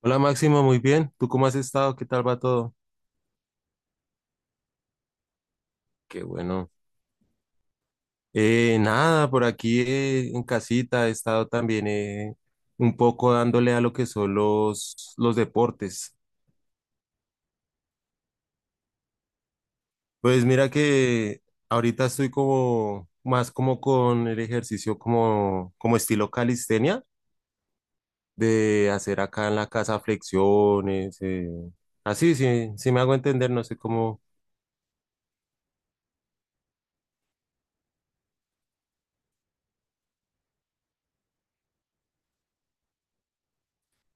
Hola Máximo, muy bien. ¿Tú cómo has estado? ¿Qué tal va todo? Qué bueno. Nada, por aquí en casita he estado también un poco dándole a lo que son los deportes. Pues mira que ahorita estoy como más como con el ejercicio como estilo calistenia, de hacer acá en la casa flexiones. Así, sí, sí me hago entender, no sé cómo.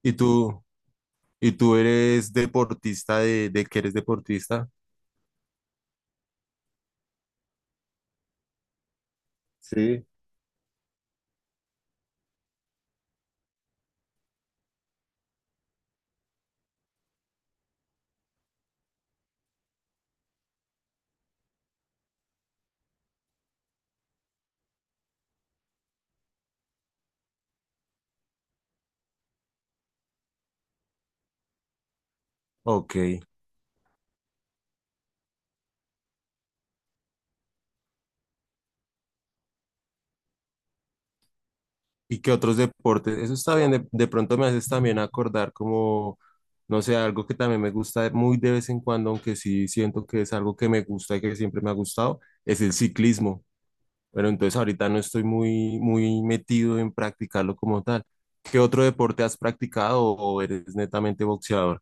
¿Y tú, y tú eres deportista de que eres deportista? Sí. Ok. ¿Y qué otros deportes? Eso está bien. De pronto me haces también acordar como, no sé, algo que también me gusta muy de vez en cuando, aunque sí siento que es algo que me gusta y que siempre me ha gustado, es el ciclismo. Pero entonces ahorita no estoy muy, muy metido en practicarlo como tal. ¿Qué otro deporte has practicado o eres netamente boxeador?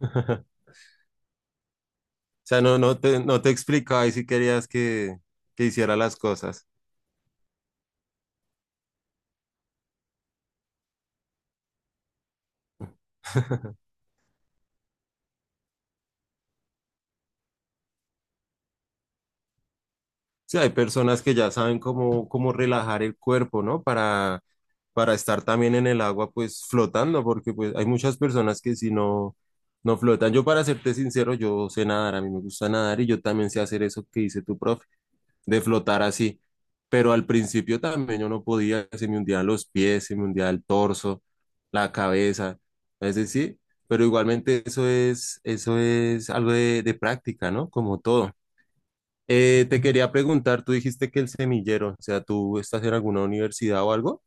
O sea, no, no te explicaba y si querías que hiciera las cosas. Sí, hay personas que ya saben cómo relajar el cuerpo, ¿no? Para estar también en el agua, pues flotando, porque pues hay muchas personas que si no, no flotan. Yo, para serte sincero, yo sé nadar, a mí me gusta nadar y yo también sé hacer eso que dice tu profe, de flotar así. Pero al principio también yo no podía, se me hundían los pies, se me hundía el torso, la cabeza, es decir, pero igualmente eso es algo de práctica, ¿no? Como todo. Te quería preguntar, tú dijiste que el semillero, o sea, ¿tú estás en alguna universidad o algo?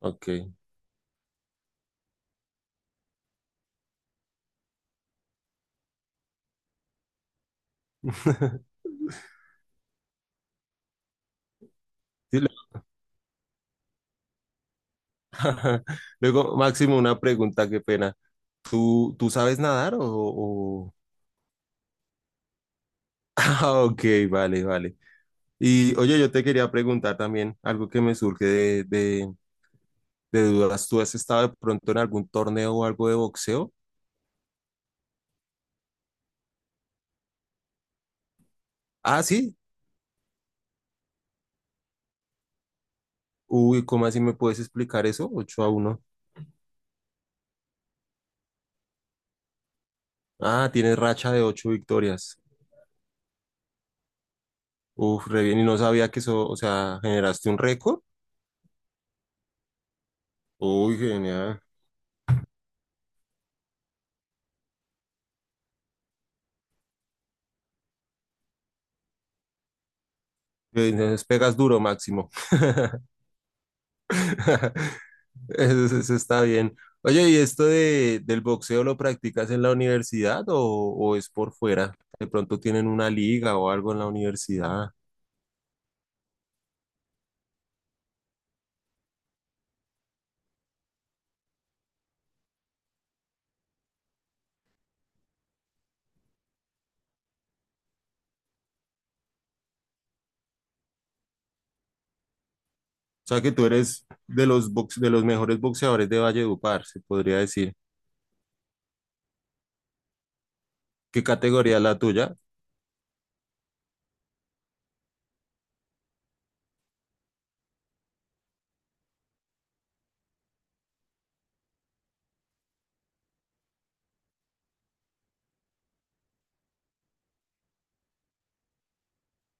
Ok. Sí, lo- Luego, Máximo, una pregunta, qué pena. ¿Tú sabes nadar Ah, ok, vale, vale. Y oye, yo te quería preguntar también algo que me surge de dudas. ¿Tú has estado de pronto en algún torneo o algo de boxeo? Ah, sí. Uy, ¿cómo así me puedes explicar eso? 8-1. Ah, tienes racha de 8 victorias. Uf, re bien. Y no sabía que eso, o sea, generaste un récord. Uy, genial. Entonces pegas duro, Máximo. Está bien. Oye, ¿y esto del boxeo lo practicas en la universidad o es por fuera? De pronto tienen una liga o algo en la universidad. O sea que tú eres de los mejores boxeadores de Valledupar, se podría decir. ¿Qué categoría es la tuya?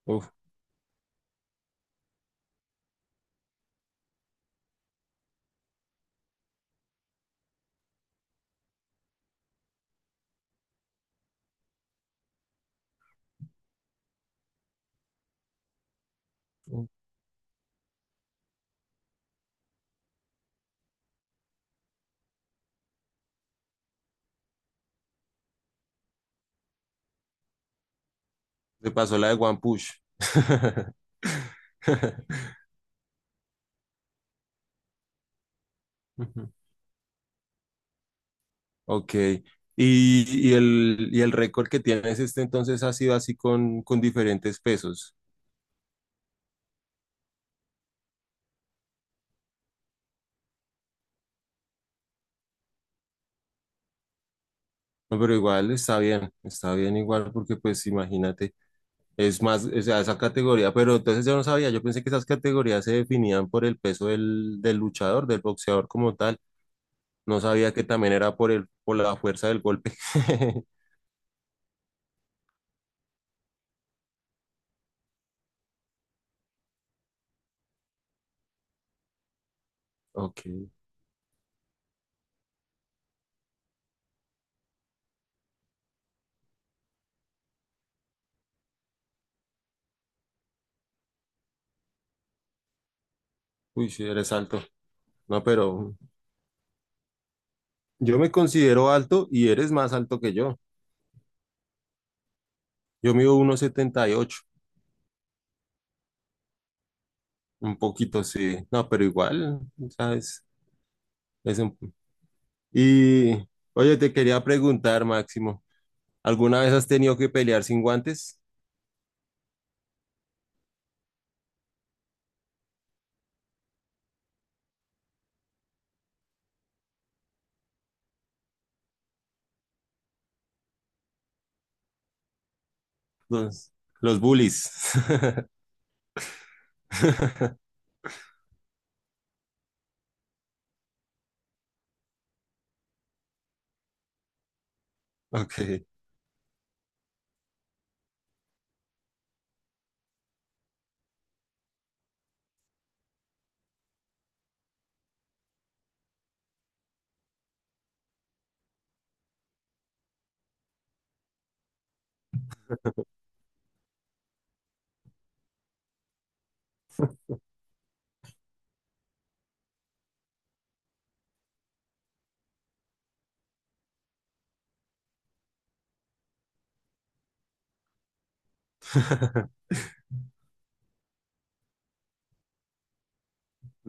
Uf, te pasó la de One Push. Ok. Y el récord que tienes este entonces ha sido así con diferentes pesos. No, pero igual está bien igual porque pues imagínate, es más, o sea, esa categoría, pero entonces yo no sabía, yo pensé que esas categorías se definían por el peso del luchador, del boxeador como tal. No sabía que también era por la fuerza del golpe. Ok. Uy, sí, eres alto. No, pero yo me considero alto y eres más alto que yo. Yo mido 1,78. Un poquito sí, no, pero igual, ¿sabes? Es un... Y, oye, te quería preguntar, Máximo, ¿alguna vez has tenido que pelear sin guantes? Los, los bullies. Ok,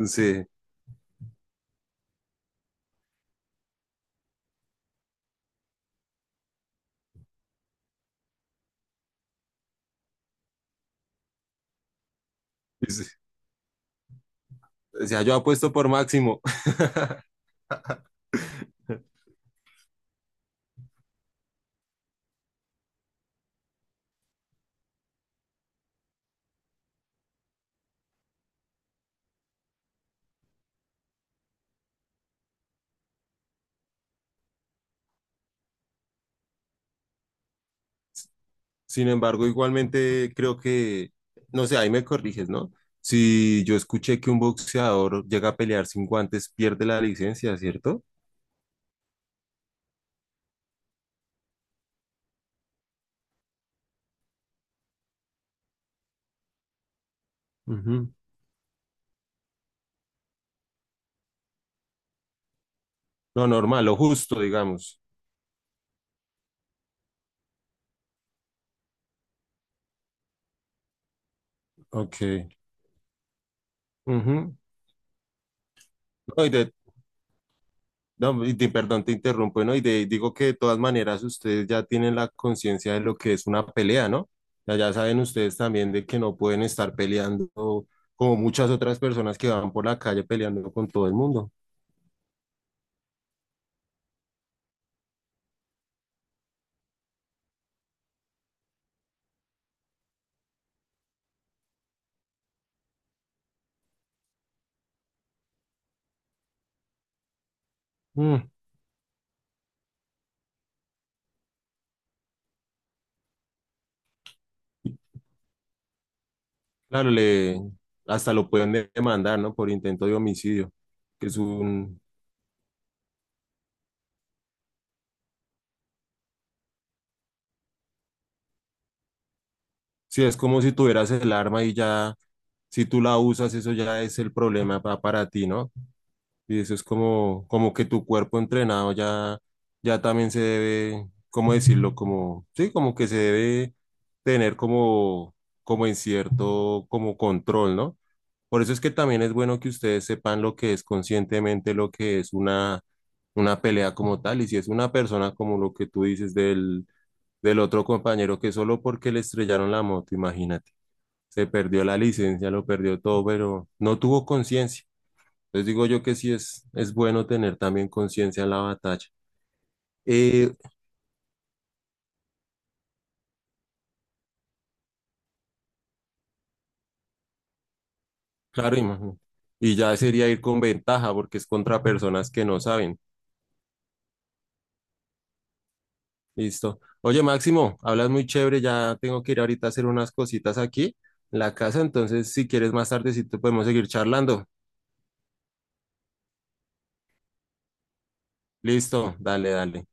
sí, sí. O sea, yo apuesto por Máximo. Sin embargo, igualmente creo que, no sé, ahí me corriges, ¿no? Si yo escuché que un boxeador llega a pelear sin guantes, pierde la licencia, ¿cierto? Ujú. Lo normal, lo justo, digamos. Ok. Ujú. No, perdón, te interrumpo, ¿no? Digo que de todas maneras ustedes ya tienen la conciencia de lo que es una pelea, ¿no? Ya saben ustedes también de que no pueden estar peleando como muchas otras personas que van por la calle peleando con todo el mundo. Mm. Claro, hasta lo pueden demandar, ¿no? Por intento de homicidio, que es un, sí, es como si tuvieras el arma y ya, si tú la usas, eso ya es el problema para ti, ¿no? Y eso es como que tu cuerpo entrenado ya también se debe, ¿cómo decirlo? Como, sí, como que se debe tener como en cierto, como control, ¿no? Por eso es que también es bueno que ustedes sepan lo que es conscientemente, lo que es una pelea como tal. Y si es una persona como lo que tú dices del otro compañero que solo porque le estrellaron la moto, imagínate, se perdió la licencia, lo perdió todo, pero no tuvo conciencia. Entonces digo yo que sí es bueno tener también conciencia en la batalla. Eh, claro, imagino. Y ya sería ir con ventaja porque es contra personas que no saben. Listo. Oye, Máximo, hablas muy chévere, ya tengo que ir ahorita a hacer unas cositas aquí en la casa, entonces si quieres más tardecito podemos seguir charlando. Listo, dale, dale.